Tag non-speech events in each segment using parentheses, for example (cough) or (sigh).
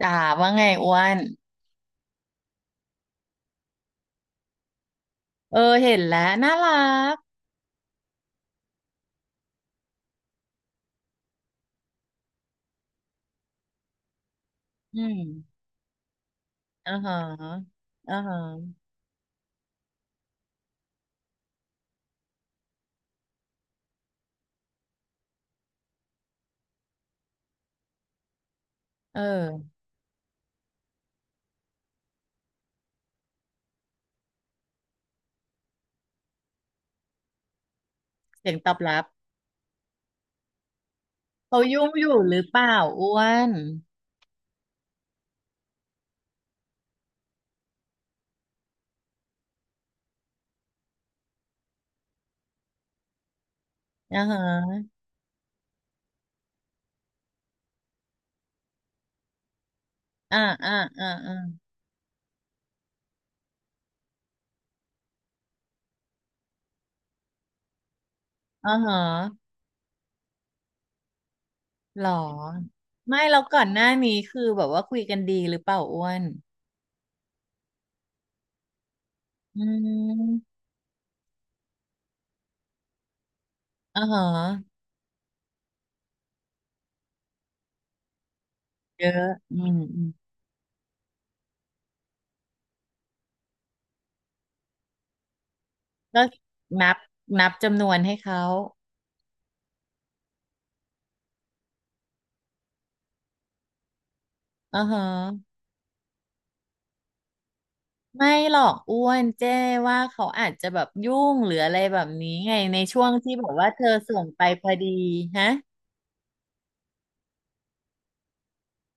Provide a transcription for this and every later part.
จ๋าว่าไงอ้วนเออเห็นแล้วน่ารักอืมอ่าฮะอ่าฮะเออเสียงตอบรับเขายุ่งอยู่หรือเปล่าอ้วนอ่าฮะอ่าอ่าอ่าอ่าอ่าฮะหรอไม่เราก่อนหน้านี้คือแบบว่าคุยกันดีหรือเปล่าอ้วนอืมอ่าฮะเยอะอืมอืมก็นับนับจำนวนให้เขาอ่าฮะ ไม่หรอกอ้วนเจ้ว่าเขาอาจจะแบบยุ่งหรืออะไรแบบนี้ไงในช่วงที่แบบว่าเธอส่งไปพอดีฮะ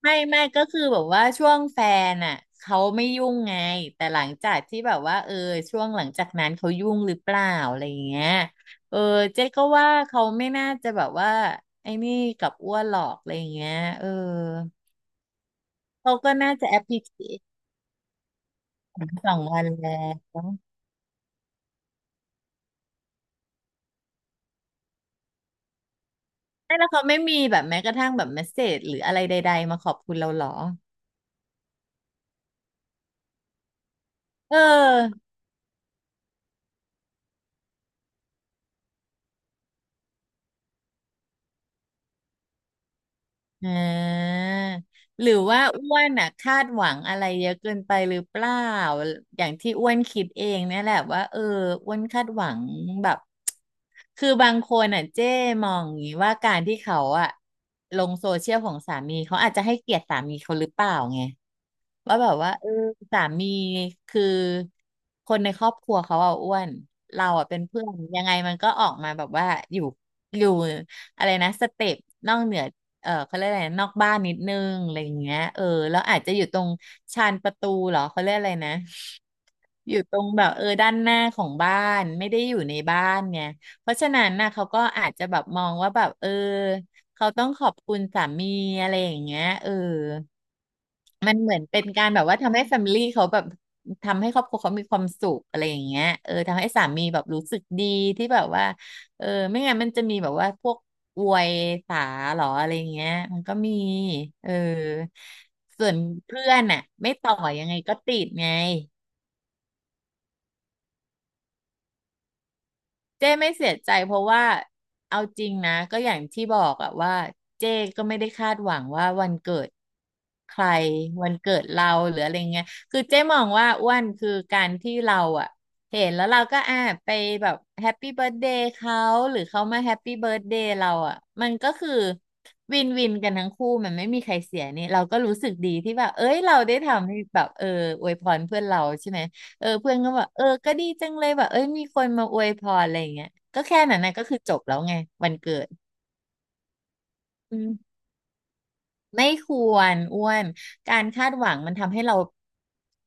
ไม่ไม่ก็คือแบบว่าช่วงแฟนอ่ะเขาไม่ยุ่งไงแต่หลังจากที่แบบว่าช่วงหลังจากนั้นเขายุ่งหรือเปล่าอะไรอย่างเงี้ยเออเจ๊ก็ว่าเขาไม่น่าจะแบบว่าไอ้นี่กับอ้วนหรอกอะไรอย่างเงี้ยเออเขาก็น่าจะแอปพิเคชั2 วันแล้ว ไม่แล้วเขาไม่มีแบบแม้กระทั่งแบบเมสเสจหรืออะไรใดๆมาขอบคุณเราหรอเอออ่าหรือว่าอ้วนอ่ะคาดหวังอะไรเยอะเกินไปหรือเปล่าอย่างที่อ้วนคิดเองเนี่ยแหละว่าเอออ้วนคาดหวังแบบคือบางคนอ่ะเจ้มองอย่างนี้ว่าการที่เขาอ่ะลงโซเชียลของสามีเขาอาจจะให้เกียรติสามีเขาหรือเปล่าไง ว่าแบบว่าเออสามีคือคนในครอบครัวเขาอ่ะอ้วนเราอ่ะเป็นเพื่อนยังไงมันก็ออกมาแบบว่าอยู่อยู่อะไรนะสเต็ปนอกเหนือเออเขาเรียกอะไรนะนอกบ้านนิดนึงอะไรอย่างเงี้ยเออแล้วอาจจะอยู่ตรงชานประตูเหรอเขาเรียกอะไรนะอยู่ตรงแบบเออด้านหน้าของบ้านไม่ได้อยู่ในบ้านไงเพราะฉะนั้นน่ะเขาก็อาจจะแบบมองว่าแบบเออเขาต้องขอบคุณสามีอะไรอย่างเงี้ยเออ มันเหมือนเป็นการแบบว่าทำให้แฟมิลี่เขาแบบทำให้ครอบครัวเขามีความสุขอะไรอย่างเงี้ยเออทำให้สามีแบบรู้สึกดีที่แบบว่าเออไม่งั้นมันจะมีแบบว่าพวกอวยสาหรออะไรอย่างเงี้ยมันก็มีเออส่วนเพื่อนน่ะไม่ต่อยังไงก็ติดไง เจ้ไม่เสียใจเพราะว่าเอาจริงนะก็อย่างที่บอกอะว่าเจ้ก็ไม่ได้คาดหวังว่าวันเกิดใครวันเกิดเราหรืออะไรเงี้ยคือเจ้มองว่าอ้วนคือการที่เราอะเห็นแล้วเราก็อ่ะไปแบบแฮปปี้เบิร์ a เดย์เขาหรือเขามาแฮปปี้เบิร์ a เดย์เราอะมันก็คือวินวินกันทั้งคู่มันไม่มีใครเสียนี่เราก็รู้สึกดีที่แบบเอ้ยเราได้ทำให้แบบเอออวยพรเพื่อนเราใช่ไหม เออเพื่อนก็แบอกเออก็ดีจังเลยแบบเอ้ยมีคนมาอวยพรอะไรอย่างเงี้ยก็แค่นั้นนะก็คือจบแล้วไงวันเกิดอืมไม่ควรอ้วนการคาดหวังมันทำให้เรา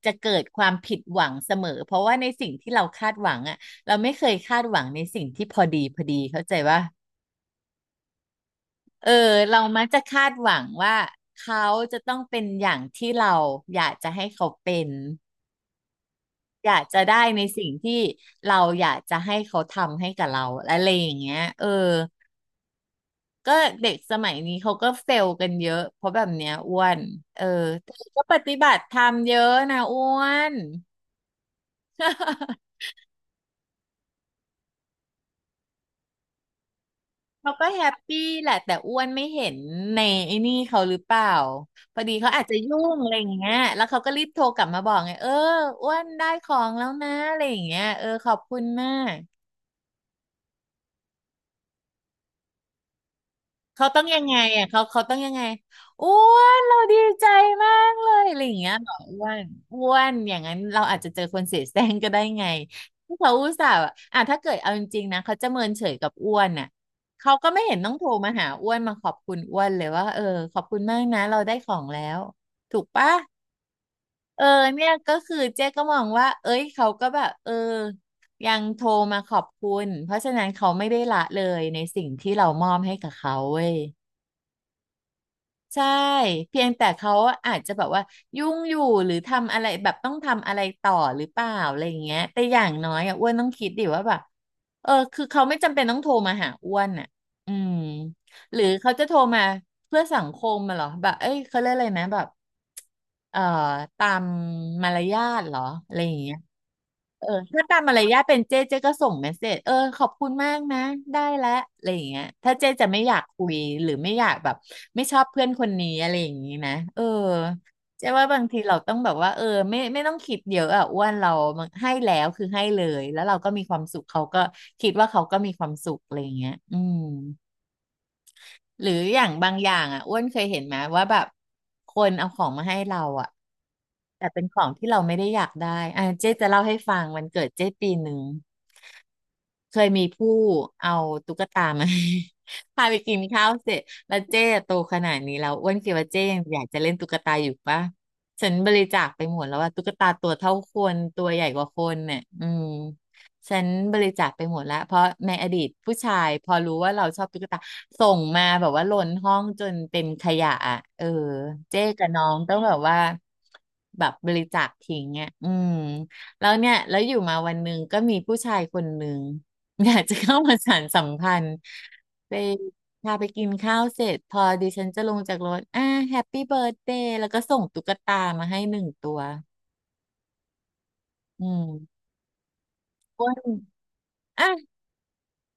จะเกิดความผิดหวังเสมอเพราะว่าในสิ่งที่เราคาดหวังอ่ะเราไม่เคยคาดหวังในสิ่งที่พอดีพอดีเข้าใจว่าเออเรามักจะคาดหวังว่าเขาจะต้องเป็นอย่างที่เราอยากจะให้เขาเป็น อยากจะได้ในสิ่งที่เราอยากจะให้เขาทำให้กับเราอะไรอย่างเงี้ยเออก็เด็กสมัยนี้เขาก็เฟลกันเยอะเพราะแบบเนี้ยอ้วนเออแต่ก็ปฏิบัติธรรมเยอะนะอ้วน (laughs) เขาก็แฮปปี้แหละแต่อ้วนไม่เห็นในไอ้นี่เขาหรือเปล่าพอดีเขาอาจจะยุ่งอะไรอย่างเงี้ยแล้วเขาก็รีบโทรกลับมาบอกไงเอออ้วนได้ของแล้วนะอะไรอย่างเงี้ยเออขอบคุณมาก เขาต้องยังไงอ่ะเขาเขาต้องยังไงอ้วนเราดีใจมากเลยอะไรอย่างเงี้ยเหรออ้วนอ้วนอย่างนั้นเราอาจจะเจอคนเสียแซงก็ได้ไงที่เขาอุตส่าห์อะอ่ะถ้าเกิดเอาจริงๆนะเขาจะเมินเฉยกับอ้วนน่ะเขาก็ไม่เห็นต้องโทรมาหาอ้วนมาขอบคุณอ้วนเลยว่าเออขอบคุณมากนะเราได้ของแล้วถูกปะเออเนี่ยก็คือเจ๊ก็มองว่าเอ้ยเขาก็แบบเออยังโทรมาขอบคุณเพราะฉะนั้นเขาไม่ได้ละเลยในสิ่งที่เรามอบให้กับเขาเว้ย ใช่เพียงแต่เขาอาจจะแบบว่ายุ่งอยู่หรือทำอะไรแบบต้องทำอะไรต่อหรือเปล่าอะไรอย่างเงี้ยแต่อย่างน้อยอ่ะอ้วนต้องคิดดิว่าแบบเออคือเขาไม่จำเป็นต้องโทรมาหาอ้วนอ่ะอืมหรือเขาจะโทรมาเพื่อสังคมมาหรอแบบเอ้ยเขาเรียกอะไรนะแบบเอ่อตามมารยาทเหรออะไรอย่างเงี้ย เออถ้าตามมารยาทเป็นเจ๊ก็ส่งเมสเสจขอบคุณมากนะได้แล้วอะไรอย่างเงี้ยถ้าเจ๊จะไม่อยากคุยหรือไม่อยากแบบไม่ชอบเพื่อนคนนี้อะไรอย่างงี้นะเออเจ๊ว่าบางทีเราต้องแบบว่าเออไม่ต้องคิดเยอะอ่ะอ้วนเราให้แล้วคือให้เลยแล้วเราก็มีความสุขเขาก็คิดว่าเขาก็มีความสุขอะไรอย่างเงี้ยอืม หรืออย่างบางอย่างอ่ะอ้วนเคยเห็นไหมว่าแบบคนเอาของมาให้เราอ่ะแต่เป็นของที่เราไม่ได้อยากได้อ่ะเจ๊จะเล่าให้ฟังวันเกิดเจ๊ปีหนึ่ง เคยมีผู้เอาตุ๊กตามา (laughs) ให้ (laughs) พาไปกินข้าวเสร็จแล้วเจ๊อะโตขนาดนี้แล้วอ้วนคิดว่าเจ๊ยังอยากจะเล่นตุ๊กตาอยู่ปะฉันบริจาคไปหมดแล้วว่าตุ๊กตาตัวเท่าคนตัวใหญ่กว่าคนเนี่ยอืมฉันบริจาคไปหมดแล้วเพราะในอดีตผู้ชายพอรู้ว่าเราชอบตุ๊กตาส่งมาแบบว่าล้นห้องจนเป็นขยะอะเออเจ๊กับน้องต้องแบบว่าแบบบริจาคทิ้งอ่ะอืมแล้วเนี่ยแล้วอยู่มาวันหนึ่งก็มีผู้ชายคนหนึ่ง อยากจะเข้ามาสานสัมพันธ์ไปพาไปกินข้าวเสร็จพอดิฉันจะลงจากรถแฮปปี้เบิร์ a เดย์แล้วก็ส่งตุ๊กตามาให้หนึ่งตัวอืมอ้วนอ่ะ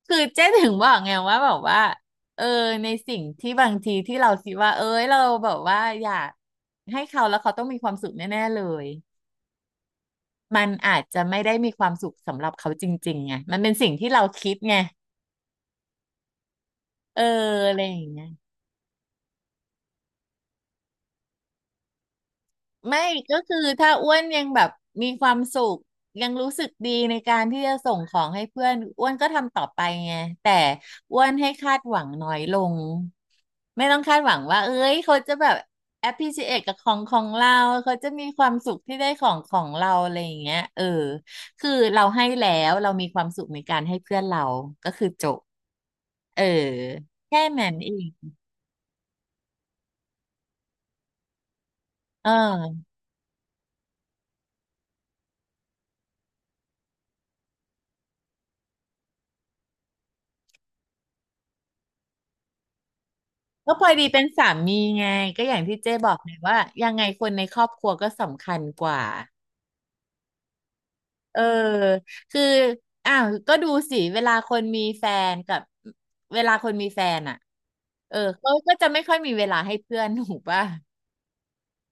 คือเจ๊ถึงบอกไงว่าแบบว่าเออในสิ่งที่บางทีที่เราคิดว่าเอ้ยเราแบบว่าอยากให้เขาแล้วเขาต้องมีความสุขแน่ๆเลยมันอาจจะไม่ได้มีความสุขสำหรับเขาจริงๆไงมันเป็นสิ่งที่เราคิดไงเอออะไรอย่างเงี้ย ไม่ก็คือถ้าอ้วนยังแบบมีความสุขยังรู้สึกดีในการที่จะส่งของให้เพื่อนอ้วนก็ทำต่อไปไงแต่อ้วนให้คาดหวังน้อยลงไม่ต้องคาดหวังว่าเอ้ยเขาจะแบบ appreciate กับของเราเขาจะมีความสุขที่ได้ของเราอะไรอย่างเงี้ยเออคือเราให้แล้วเรามีความสุขในการให้เพื่อนเราก็คือจบเออแค่นั้นเองเออ ก็พอดีเป็นสามีไงก็อย่างที่เจ้บอกเลยว่ายังไงคนในครอบครัวก็สำคัญกว่าเออคืออ้าวก็ดูสิเวลาคนมีแฟนกับเวลาคนมีแฟนอ่ะเออเขาก็จะไม่ค่อยมีเวลาให้เพื่อนถูกป่ะ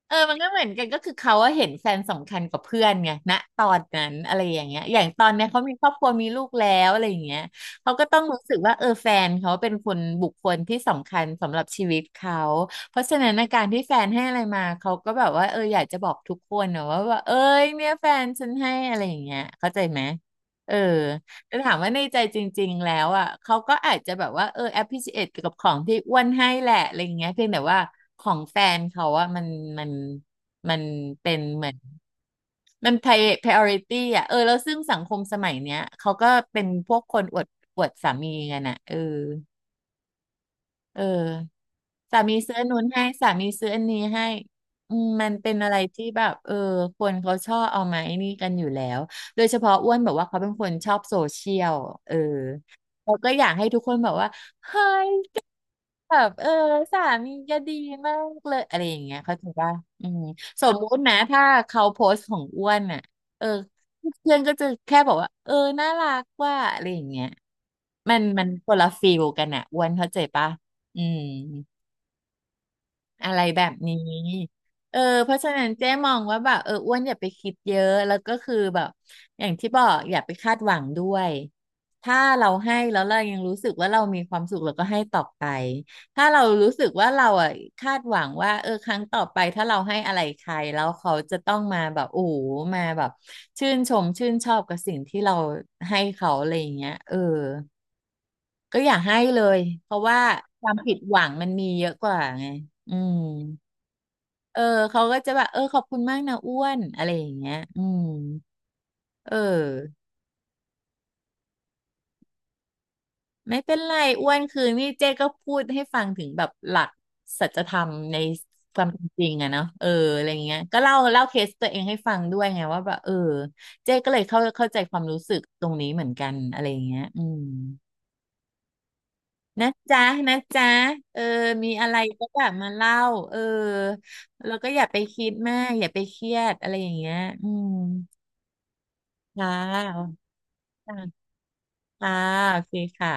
เออมันก็เหมือนกันก็คือเขาว่าเห็นแฟนสำคัญกว่าเพื่อนไงณตอนนั้นอะไรอย่างเงี้ยอย่างตอนเนี้ยเขามีครอบครัวมีลูกแล้วอะไรอย่างเงี้ยเขาก็ต้องรู้สึกว่าเออแฟนเขาเป็นคนบุคคลที่สำคัญสำหรับชีวิตเขาเพราะฉะนั้นอาการที่แฟนให้อะไรมาเขาก็แบบว่าเอออยากจะบอกทุกคนนะว่าเอ้ยเนี่ยแฟนฉันให้อะไรอย่างเงี้ยเข้าใจไหมเออ ถามว่าในใจจริงๆแล้วอ่ะเขาก็อาจจะแบบว่าเออ appreciate กับของที่อ้วนให้แหละอะไรเงี้ยเพียงแต่ว่าของแฟนเขาอ่ะมันมันเป็นเหมือนมัน priority อ่ะเออแล้วซึ่งสังคมสมัยเนี้ยเขาก็เป็นพวกคนอวดอวดสามีกันอ่ะเออ เออสามีซื้ออันนู้นให้สามีซื้ออันนี้ให้อืมมันเป็นอะไรที่แบบเออคนเขาชอบเอามาไอ้นี่กันอยู่แล้วโดยเฉพาะอ้วนแบบว่าเขาเป็นคนชอบโซเชียลเออเราก็อยากให้ทุกคนแบบว่าแบบเออสามีก็ดีมากเลยอะไรอย่างเงี้ยเขาถือว่าอืมสมมุตินะถ้าเขาโพสต์ของอ้วนอ่ะเออเพื่อนก็จะแค่บอกว่าเออน่ารักว่าอะไรอย่างเงี้ยมันคนละฟีลกันอ่ะอ้วนเข้าใจปะอืม อะไรแบบนี้เออเพราะฉะนั้นเจ๊มองว่าแบบเอออ้วนอย่าไปคิดเยอะแล้วก็คือแบบอย่างที่บอกอย่าไปคาดหวังด้วย ถ้าเราให้แล้วเรายังรู้สึกว่าเรามีความสุขเราก็ให้ต่อไป ถ้าเรารู้สึกว่าเราอ่ะคาดหวังว่าเออครั้งต่อไปถ้าเราให้อะไรใครแล้วเขาจะต้องมาแบบโอ้โหมาแบบชื่นชมชื่นชอบกับสิ่งที่เราให้เขาอะไรอย่างเงี้ยเออก็อย่าให้เลยเพราะว่าความผิดหวังมันมีเยอะกว่าไงอืม เออเขาก็จะแบบเออขอบคุณมากนะอ้วนอะไรอย่างเงี้ยอืมเออไม่เป็นไรอ้วนคือนี่เจ๊ก็พูดให้ฟังถึงแบบหลักสัจธรรมในความเป็นจริงอะเนาะเอออะไรเงี้ยก็เล่าเคสตัวเองให้ฟังด้วยไงว่าแบบเออเจ๊ก็เลยเข้าใจความรู้สึกตรงนี้เหมือนกันอะไรเงี้ยอืมนะจ๊ะนะจ๊ะเออมีอะไรก็แบบมาเล่าเออแล้วก็อย่าไปคิดมากอย่าไปเครียดอะไรอย่างเงี้ยอืมค่ะ ค่ะโอเคค่ะ